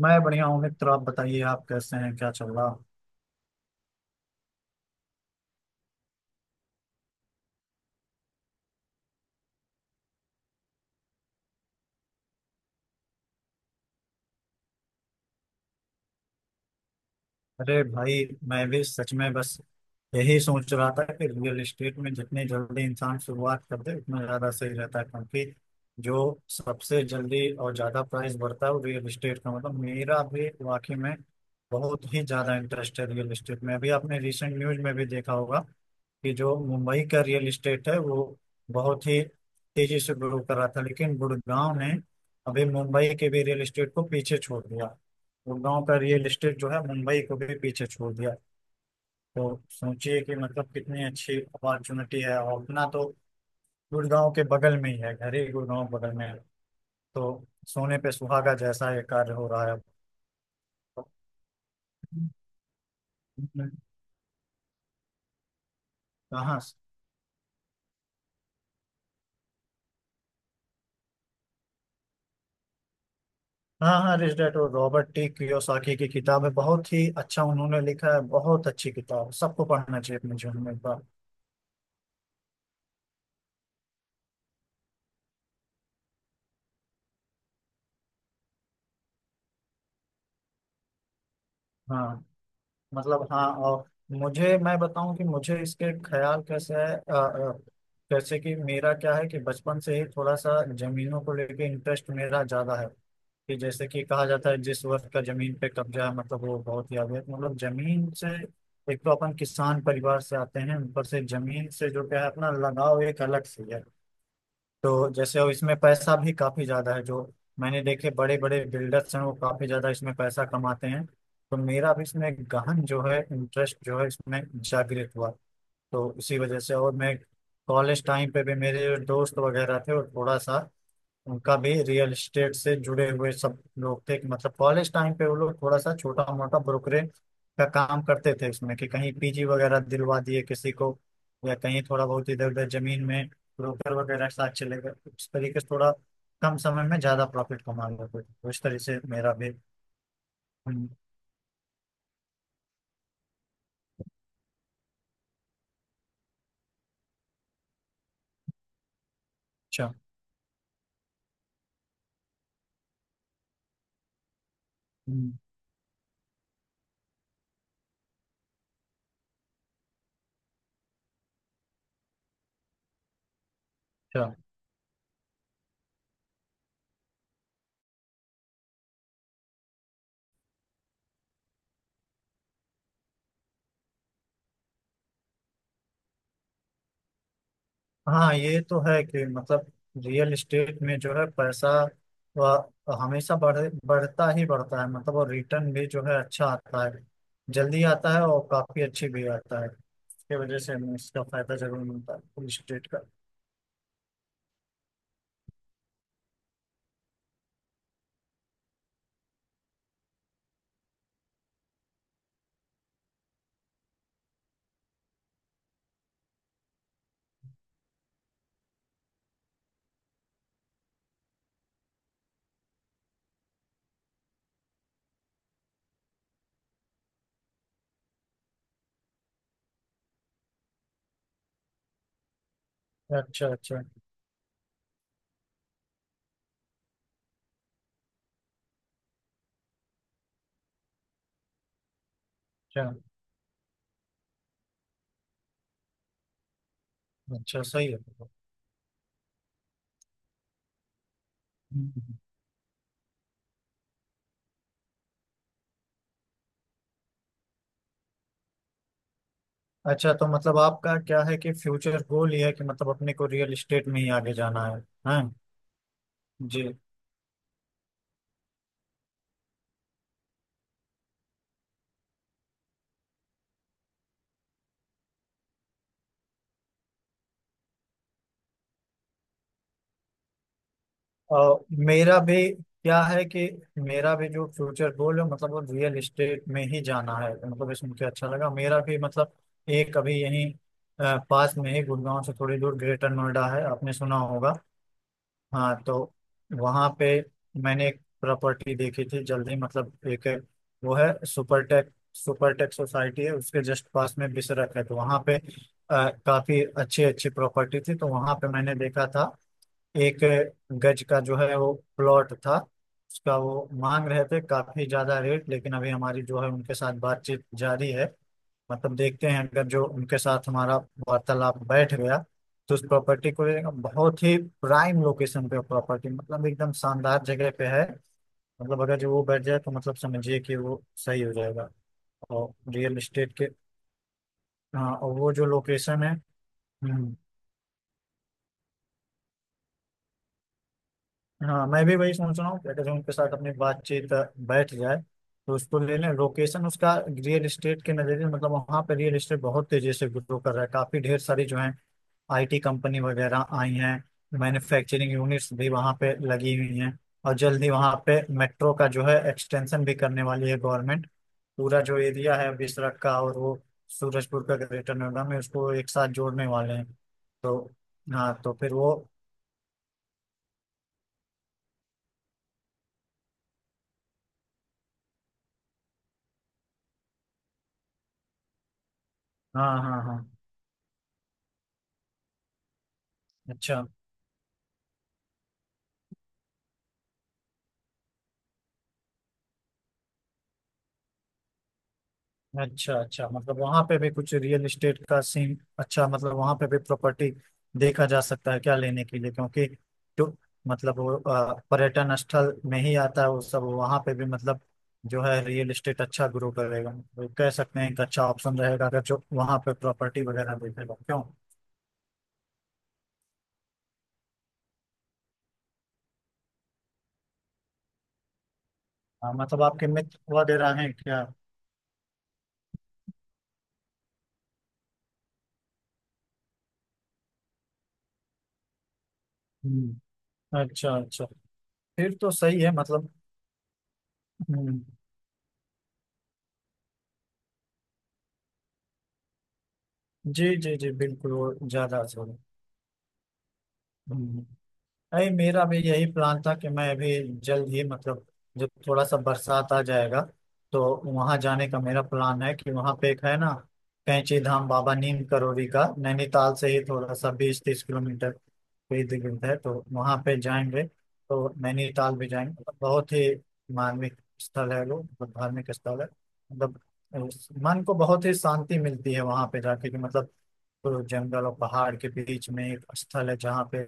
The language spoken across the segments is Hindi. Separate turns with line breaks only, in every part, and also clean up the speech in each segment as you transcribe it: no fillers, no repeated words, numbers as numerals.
मैं बढ़िया हूँ, मित्र। आप बताइए, आप कैसे हैं? क्या चल रहा? अरे भाई, मैं भी सच में बस यही सोच रहा था कि रियल एस्टेट में जितनी जल्दी इंसान शुरुआत कर दे उतना ज्यादा सही रहता है, क्योंकि जो सबसे जल्दी और ज्यादा प्राइस बढ़ता है वो रियल एस्टेट का मतलब। मेरा भी वाकई में बहुत ही ज्यादा इंटरेस्ट है रियल एस्टेट में। अभी आपने रिसेंट न्यूज में भी देखा होगा कि जो मुंबई का रियल इस्टेट है वो बहुत ही तेजी से ग्रो कर रहा था, लेकिन गुड़गांव ने अभी मुंबई के भी रियल इस्टेट को पीछे छोड़ दिया। गुड़गांव का रियल इस्टेट जो है मुंबई को भी पीछे छोड़ दिया। तो सोचिए कि मतलब कितनी अच्छी अपॉर्चुनिटी है, और अपना तो गुड़गांव के बगल में ही है, घर ही गुड़गांव बगल में है। तो सोने पे सुहागा जैसा ये कार्य हो रहा है। तो कहाँ? हाँ हाँ, रिच डैड, और रॉबर्ट टी कियोसाकी की किताब है, बहुत ही अच्छा उन्होंने लिखा है। बहुत अच्छी किताब है। सबको पढ़ना चाहिए अपने जीवन में एक बार। हाँ, मतलब हाँ। और मुझे मैं बताऊं कि मुझे इसके ख्याल कैसे है। जैसे कि मेरा क्या है कि बचपन से ही थोड़ा सा जमीनों को लेके इंटरेस्ट मेरा ज्यादा है। कि जैसे कि कहा जाता है जिस वर्ग का जमीन पे कब्जा है मतलब वो बहुत ही आगे है। मतलब जमीन से एक तो अपन किसान परिवार से आते हैं, ऊपर से जमीन से जो क्या है अपना लगाव एक अलग से है। तो जैसे अब इसमें पैसा भी काफी ज्यादा है, जो मैंने देखे बड़े बड़े बिल्डर्स हैं वो काफी ज्यादा इसमें पैसा कमाते हैं। तो मेरा भी इसमें गहन जो है इंटरेस्ट जो है इसमें जागृत हुआ। तो इसी वजह से, और मैं कॉलेज टाइम पे भी मेरे जो दोस्त वगैरह थे वो थोड़ा सा, उनका भी रियल एस्टेट से जुड़े हुए सब लोग थे कि मतलब कॉलेज टाइम पे वो लोग थोड़ा सा छोटा मोटा ब्रोकरेज का काम करते थे उसमें, कि कहीं पीजी वगैरह दिलवा दिए किसी को या कहीं थोड़ा बहुत इधर उधर जमीन में ब्रोकर वगैरह के साथ चले गए। इस तरीके से थोड़ा कम समय में ज्यादा प्रॉफिट कमा लेते थे, तो इस तरीके से मेरा भी। हम्म, अच्छा। हम्म, अच्छा। हाँ, ये तो है कि मतलब रियल एस्टेट में जो है पैसा वह हमेशा बढ़ता ही बढ़ता है, मतलब। और रिटर्न भी जो है अच्छा आता है, जल्दी आता है और काफी अच्छी भी आता है। इसकी वजह से हमें इसका फायदा जरूर मिलता है रियल एस्टेट का। अच्छा, अच्छा। अच्छा, अच्छा। सही है। हम्म। अच्छा, तो मतलब आपका क्या है कि फ्यूचर गोल ये है कि मतलब अपने को रियल एस्टेट में ही आगे जाना है? हाँ, जी। अ, मेरा भी क्या है कि मेरा भी जो फ्यूचर गोल है मतलब वो रियल एस्टेट में ही जाना है। तो मतलब इसमें मुझे अच्छा लगा, मेरा भी मतलब एक अभी यहीं पास में ही, गुड़गांव से थोड़ी दूर ग्रेटर नोएडा है, आपने सुना होगा। हाँ, तो वहाँ पे मैंने एक प्रॉपर्टी देखी थी, जल्दी मतलब एक वो है सुपरटेक सुपरटेक सोसाइटी है, उसके जस्ट पास में बिसरख है, तो वहाँ पे काफी अच्छी अच्छी प्रॉपर्टी थी, तो वहाँ पे मैंने देखा था। एक गज का जो है वो प्लॉट था, उसका वो मांग रहे थे काफी ज्यादा रेट। लेकिन अभी हमारी जो है उनके साथ बातचीत जारी है। मतलब देखते हैं, अगर जो उनके साथ हमारा वार्तालाप बैठ गया तो उस प्रॉपर्टी को लेकर बहुत ही प्राइम लोकेशन पे प्रॉपर्टी, मतलब एकदम शानदार जगह पे है। मतलब अगर जो वो बैठ जाए तो मतलब समझिए कि वो सही हो जाएगा। और रियल एस्टेट के, हाँ। और वो जो लोकेशन है, हम्म, हाँ। मैं भी वही सोच रहा हूँ कि अगर उनके साथ अपनी बातचीत बैठ जाए तो उसको ले लें। लोकेशन उसका रियल एस्टेट के नज़रिए, मतलब वहाँ पे रियल एस्टेट बहुत तेजी से ग्रो कर रहा है। काफ़ी ढेर सारी जो है आईटी कंपनी वगैरह आई हैं, मैन्युफैक्चरिंग यूनिट्स भी वहाँ पे लगी हुई हैं। और जल्दी वहाँ पे मेट्रो का जो है एक्सटेंशन भी करने वाली है गवर्नमेंट। पूरा जो एरिया है बिसरख का, और वो सूरजपुर का ग्रेटर नोएडा में, उसको एक साथ जोड़ने वाले हैं। तो हाँ, तो फिर वो, हाँ हाँ हाँ। अच्छा, अच्छा। अच्छा, मतलब वहां पे भी कुछ रियल एस्टेट का सीन अच्छा, मतलब वहां पे भी प्रॉपर्टी देखा जा सकता है क्या लेने के लिए? क्योंकि तो मतलब वो पर्यटन स्थल में ही आता है वो सब, वहां पे भी मतलब जो है रियल एस्टेट अच्छा ग्रो करेगा। तो कह सकते हैं एक अच्छा ऑप्शन रहेगा, अगर जो वहां पे प्रॉपर्टी वगैरह देखेगा क्यों। मतलब आपके मित्र वगैरह हैं क्या? हम्म, अच्छा अच्छा। फिर तो सही है, मतलब। हम्म, जी जी जी, बिल्कुल वो ज्यादा अच्छा है। हम्म। नहीं, मेरा भी यही प्लान था कि मैं अभी जल्द ही मतलब, जब थोड़ा सा बरसात आ जाएगा तो वहां जाने का मेरा प्लान है। कि वहां पे एक है ना, कैंची धाम बाबा नीम करोली का, नैनीताल से ही थोड़ा सा 20-30 किलोमीटर पे इर्द गिर्द है, तो वहां पे जाएंगे। तो नैनीताल भी जाएंगे, मतलब बहुत ही मार्मिक स्थल है वो, मतलब धार्मिक स्थल है। मतलब मन को बहुत ही शांति मिलती है वहां पे जाके, कि मतलब, तो जंगल और पहाड़ के बीच में एक स्थल है जहाँ पे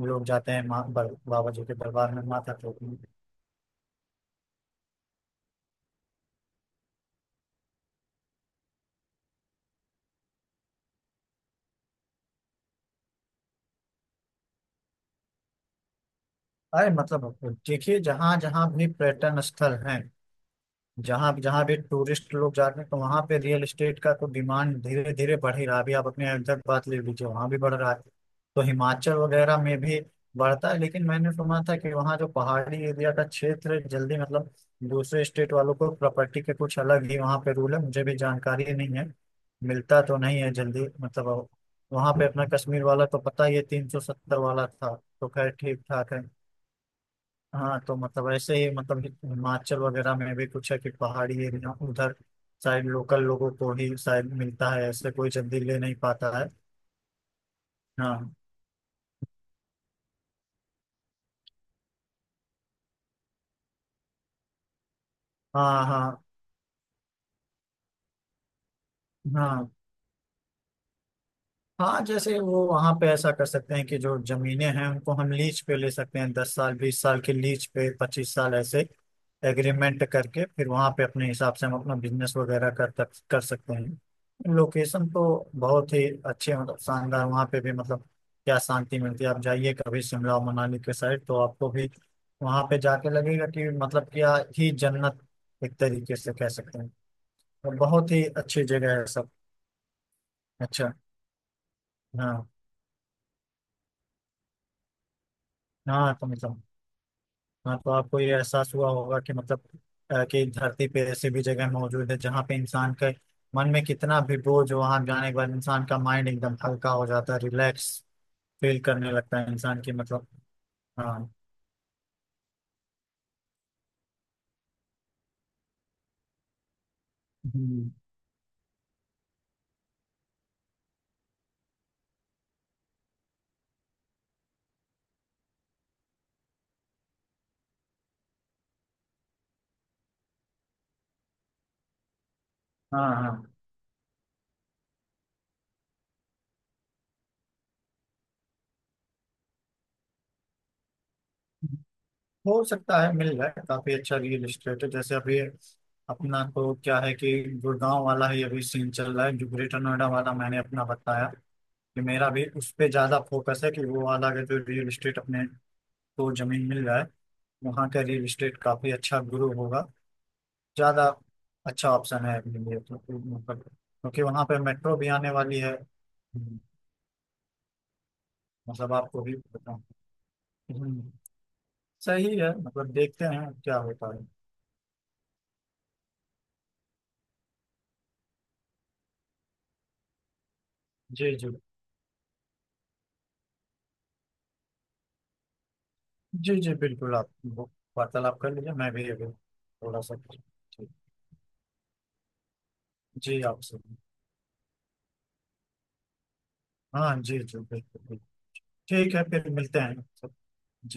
लोग जाते हैं, माँ बाबा जी के दरबार में माथा टेकने। अरे, मतलब देखिए, जहाँ जहाँ भी पर्यटन स्थल हैं, जहाँ जहाँ भी टूरिस्ट लोग जाते हैं तो वहाँ पे रियल एस्टेट का तो डिमांड धीरे धीरे बढ़ ही रहा है। अभी आप अपने अयोध्या की बात ले लीजिए, वहाँ भी बढ़ रहा है। तो हिमाचल वगैरह में भी बढ़ता है, लेकिन मैंने सुना था कि वहाँ जो पहाड़ी एरिया का क्षेत्र है, जल्दी मतलब दूसरे स्टेट वालों को प्रॉपर्टी के कुछ अलग ही वहाँ पे रूल है, मुझे भी जानकारी नहीं है। मिलता तो नहीं है जल्दी, मतलब। वहाँ पे अपना कश्मीर वाला तो पता ही है, 370 वाला था। तो खैर, ठीक ठाक है। हाँ, तो मतलब ऐसे ही, मतलब हिमाचल वगैरह में भी कुछ है कि पहाड़ी एरिया उधर शायद लोकल लोगों को ही शायद मिलता है, ऐसे कोई जल्दी ले नहीं पाता है। हाँ हाँ हाँ हाँ हाँ। जैसे वो वहां पे ऐसा कर सकते हैं कि जो जमीनें हैं उनको हम लीज पे ले सकते हैं, 10 साल 20 साल के लीज पे, 25 साल ऐसे एग्रीमेंट करके फिर वहां पे अपने हिसाब से हम अपना बिजनेस वगैरह कर तक कर सकते हैं। लोकेशन तो बहुत ही अच्छे, मतलब शानदार, वहां पे भी मतलब क्या शांति मिलती है। आप जाइए कभी शिमला मनाली के साइड तो आपको भी वहां पे जाके लगेगा कि मतलब क्या ही जन्नत, एक तरीके से कह सकते हैं। और बहुत ही अच्छी जगह है सब। अच्छा। हाँ हाँ, तो मतलब, हाँ। तो आपको ये एहसास हुआ होगा कि मतलब कि धरती पे ऐसी भी जगह मौजूद है जहाँ पे इंसान के मन में कितना भी बोझ हो, वहाँ जाने के बाद इंसान का माइंड एकदम हल्का हो जाता है, रिलैक्स फील करने लगता है इंसान की, मतलब। हाँ। हम्म, हाँ। हाँ, हो सकता है मिल जाए, काफी अच्छा रियल इस्टेट है। जैसे अभी अपना तो क्या है कि गुड़गांव वाला ही अभी सीन चल रहा है, जो ग्रेटर नोएडा वाला मैंने अपना बताया, कि मेरा भी उस पे ज्यादा फोकस है, कि वो वाला अगर जो रियल इस्टेट अपने को जमीन मिल जाए, वहाँ का रियल इस्टेट काफी अच्छा ग्रो होगा। ज्यादा अच्छा ऑप्शन है अपने लिए, तो मतलब, क्योंकि वहाँ पे मेट्रो भी आने वाली है। हम्म, मतलब आपको भी बताऊँ। हम्म, सही है, मतलब देखते हैं क्या होता है। जी जी, जी जी, बिल्कुल आप वो वार्तालाप कर लीजिए। मैं भी अभी थोड़ा सा ठीक। जी आपसे, हाँ जी जी बिल्कुल, बिल्कुल। ठीक है, फिर मिलते हैं। जी।